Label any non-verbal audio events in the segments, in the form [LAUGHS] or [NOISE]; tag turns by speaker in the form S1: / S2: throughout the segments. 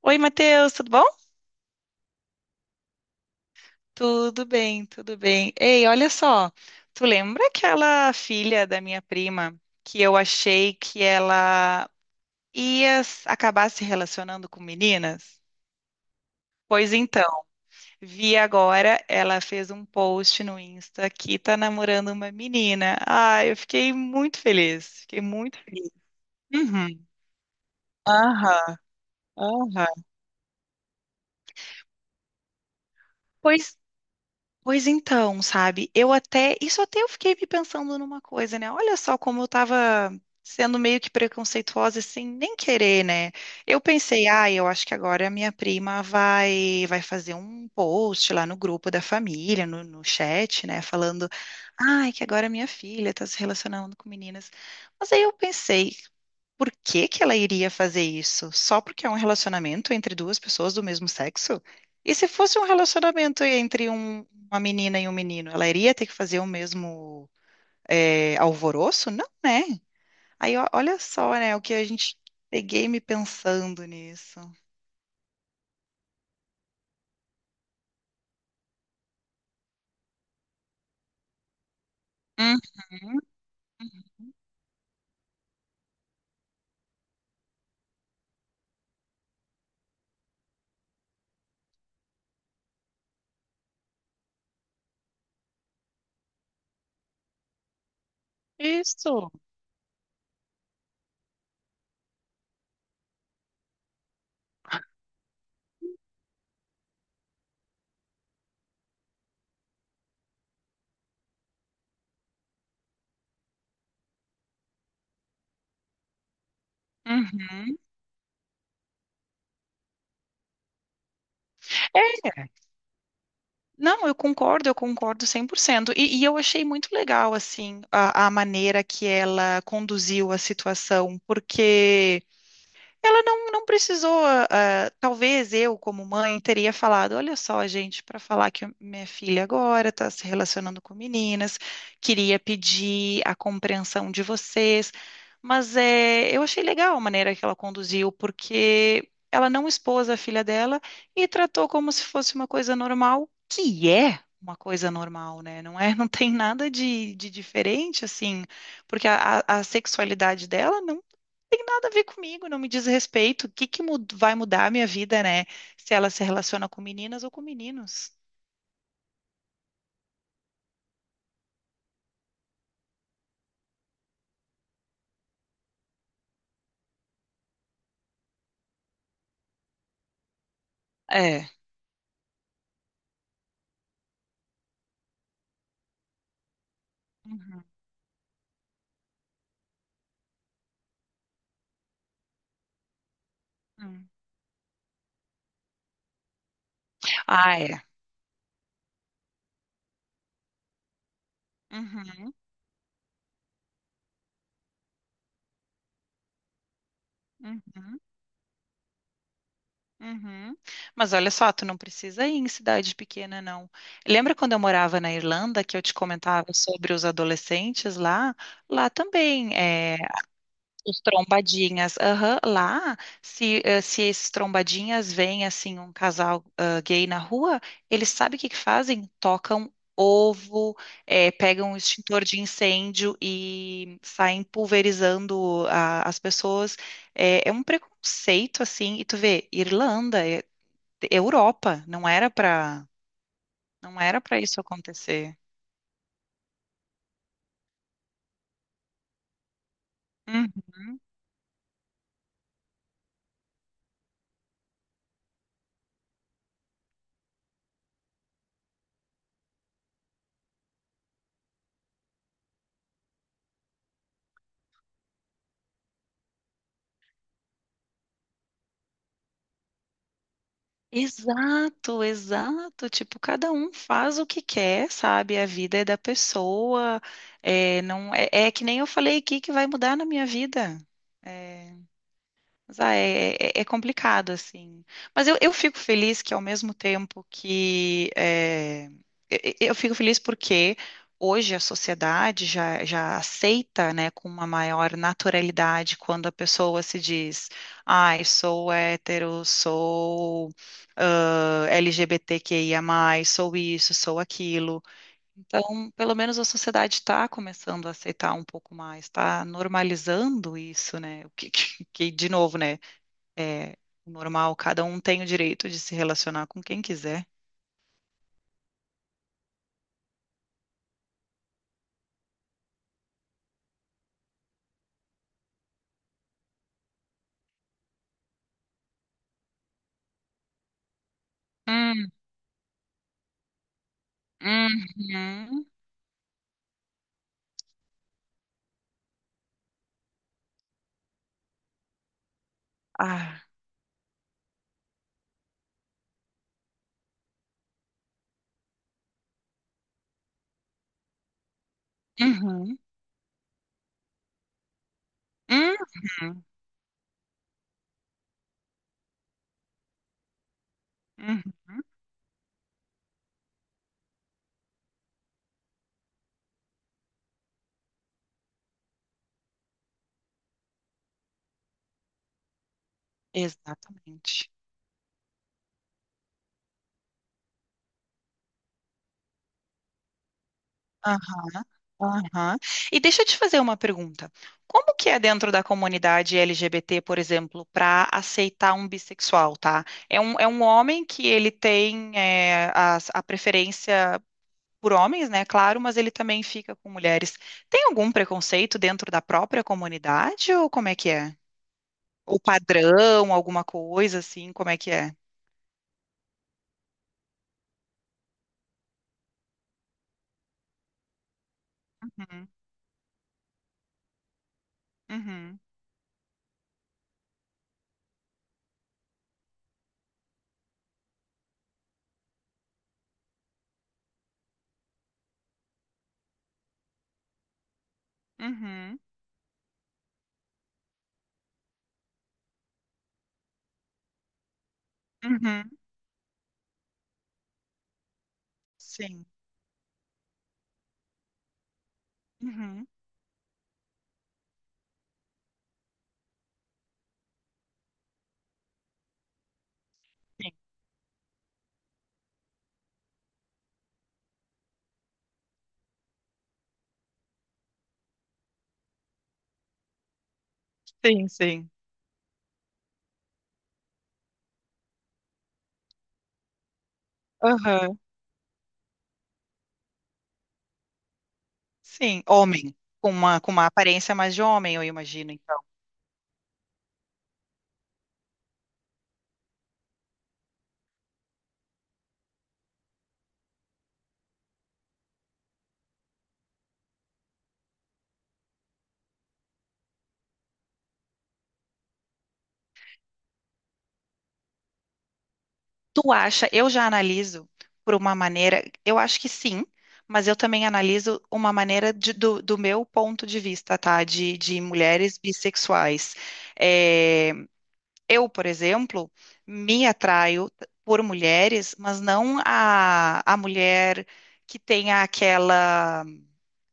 S1: Oi, Matheus, tudo bom? Tudo bem, tudo bem. Ei, olha só, tu lembra aquela filha da minha prima que eu achei que ela ia acabar se relacionando com meninas? Pois então, vi agora, ela fez um post no Insta que tá namorando uma menina. Ah, eu fiquei muito feliz, fiquei muito feliz. Uhum. Aham, aham. Pois Pois então, sabe? Eu até, isso até eu fiquei me pensando numa coisa, né? Olha só como eu tava sendo meio que preconceituosa sem nem querer, né? Eu pensei, ah, eu acho que agora a minha prima vai fazer um post lá no grupo da família, no chat, né, falando, ai, que agora minha filha tá se relacionando com meninas. Mas aí eu pensei, por que que ela iria fazer isso? Só porque é um relacionamento entre duas pessoas do mesmo sexo? E se fosse um relacionamento entre uma menina e um menino, ela iria ter que fazer o mesmo alvoroço? Não, né? Aí ó, olha só, né, o que a gente peguei me pensando nisso. Uhum. Isso. Uhum. É. Não, eu concordo 100%. E eu achei muito legal, assim, a maneira que ela conduziu a situação, porque ela não precisou, talvez eu, como mãe, teria falado: olha só, gente, para falar que minha filha agora está se relacionando com meninas, queria pedir a compreensão de vocês. Mas é, eu achei legal a maneira que ela conduziu, porque ela não expôs a filha dela e tratou como se fosse uma coisa normal, que é uma coisa normal, né? Não é, [LAUGHS] não tem nada de diferente, assim, porque a sexualidade dela não tem nada a ver comigo, não me diz respeito. O que que vai mudar a minha vida, né? Se ela se relaciona com meninas ou com meninos. É. Uhum, uhum. Ah, é. Uhum, uhum, uhum. Mas olha só, tu não precisa ir em cidade pequena, não. Lembra quando eu morava na Irlanda, que eu te comentava sobre os adolescentes lá? Lá também. Os trombadinhas, aham. Lá, se esses trombadinhas veem, assim, um casal gay na rua, eles sabem o que que fazem? Tocam ovo, pegam um extintor de incêndio e saem pulverizando as pessoas. É um preconceito, assim, e tu vê, Irlanda, Europa, não era para isso acontecer. Uhum. Exato, exato. Tipo, cada um faz o que quer, sabe? A vida é da pessoa. É, não é, é que nem eu falei aqui que vai mudar na minha vida. É, mas é complicado, assim. Mas eu fico feliz que, ao mesmo tempo que, eu fico feliz porque hoje a sociedade já aceita, né, com uma maior naturalidade quando a pessoa se diz: ai, sou hétero, sou LGBTQIA+, sou isso, sou aquilo. Então, pelo menos a sociedade está começando a aceitar um pouco mais, está normalizando isso, né? O que, [LAUGHS] de novo, né? É normal, cada um tem o direito de se relacionar com quem quiser. Hum, uhum. Ah, uhum, uhum, uhum. Exatamente. Aham, aham. E deixa eu te fazer uma pergunta. Como que é dentro da comunidade LGBT, por exemplo, para aceitar um bissexual, tá? É um homem que ele tem preferência por homens, né? Claro, mas ele também fica com mulheres. Tem algum preconceito dentro da própria comunidade ou como é que é? Ou padrão, alguma coisa assim, como é que é? Uhum, uhum, uhum, uhum, sim, uhum, sim, sim, sim, aham, sim, homem, com uma aparência mais de homem, eu imagino, então. Tu acha? Eu já analiso por uma maneira, eu acho que sim, mas eu também analiso uma maneira do meu ponto de vista, tá? De mulheres bissexuais. É, eu, por exemplo, me atraio por mulheres, mas não a mulher que tenha aquela,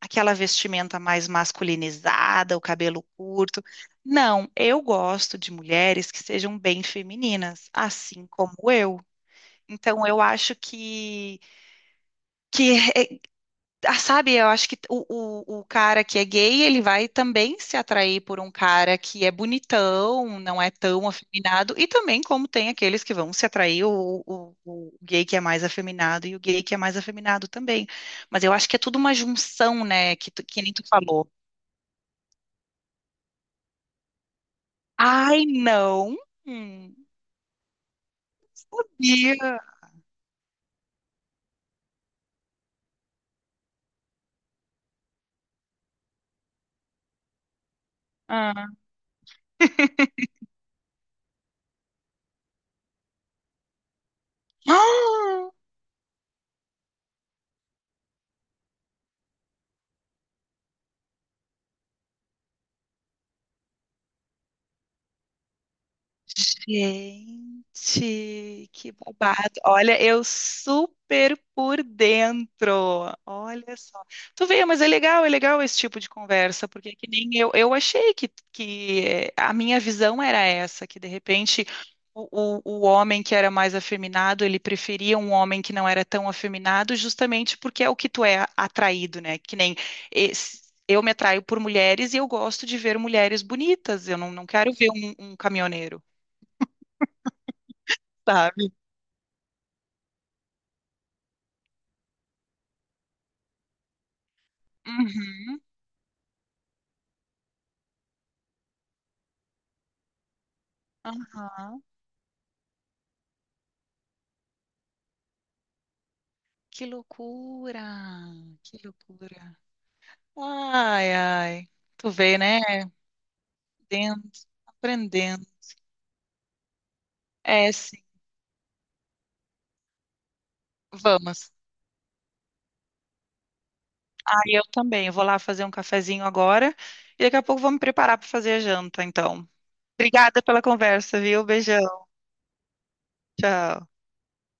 S1: aquela vestimenta mais masculinizada, o cabelo curto. Não, eu gosto de mulheres que sejam bem femininas, assim como eu. Então eu acho que sabe, eu acho que o cara que é gay, ele vai também se atrair por um cara que é bonitão, não é tão afeminado, e também como tem aqueles que vão se atrair o gay que é mais afeminado e o gay que é mais afeminado também. Mas eu acho que é tudo uma junção, né, que nem tu falou. Ai, não! Hum, sabia! Ah. [GASPS] Gente, que babado. Olha, eu super por dentro. Olha só. Tu vê, mas é legal esse tipo de conversa, porque é que nem eu achei a minha visão era essa, que de repente o homem que era mais afeminado, ele preferia um homem que não era tão afeminado, justamente porque é o que tu é atraído, né? Que nem eu me atraio por mulheres e eu gosto de ver mulheres bonitas. Eu não quero ver um caminhoneiro, sabe? Uhum. Aham. Que loucura! Que loucura! Ai, ai. Tu vê, né? Aprendendo, aprendendo. É, sim. Vamos. Ah, eu também. Eu vou lá fazer um cafezinho agora e daqui a pouco vou me preparar para fazer a janta, então. Obrigada pela conversa, viu? Beijão. Tchau.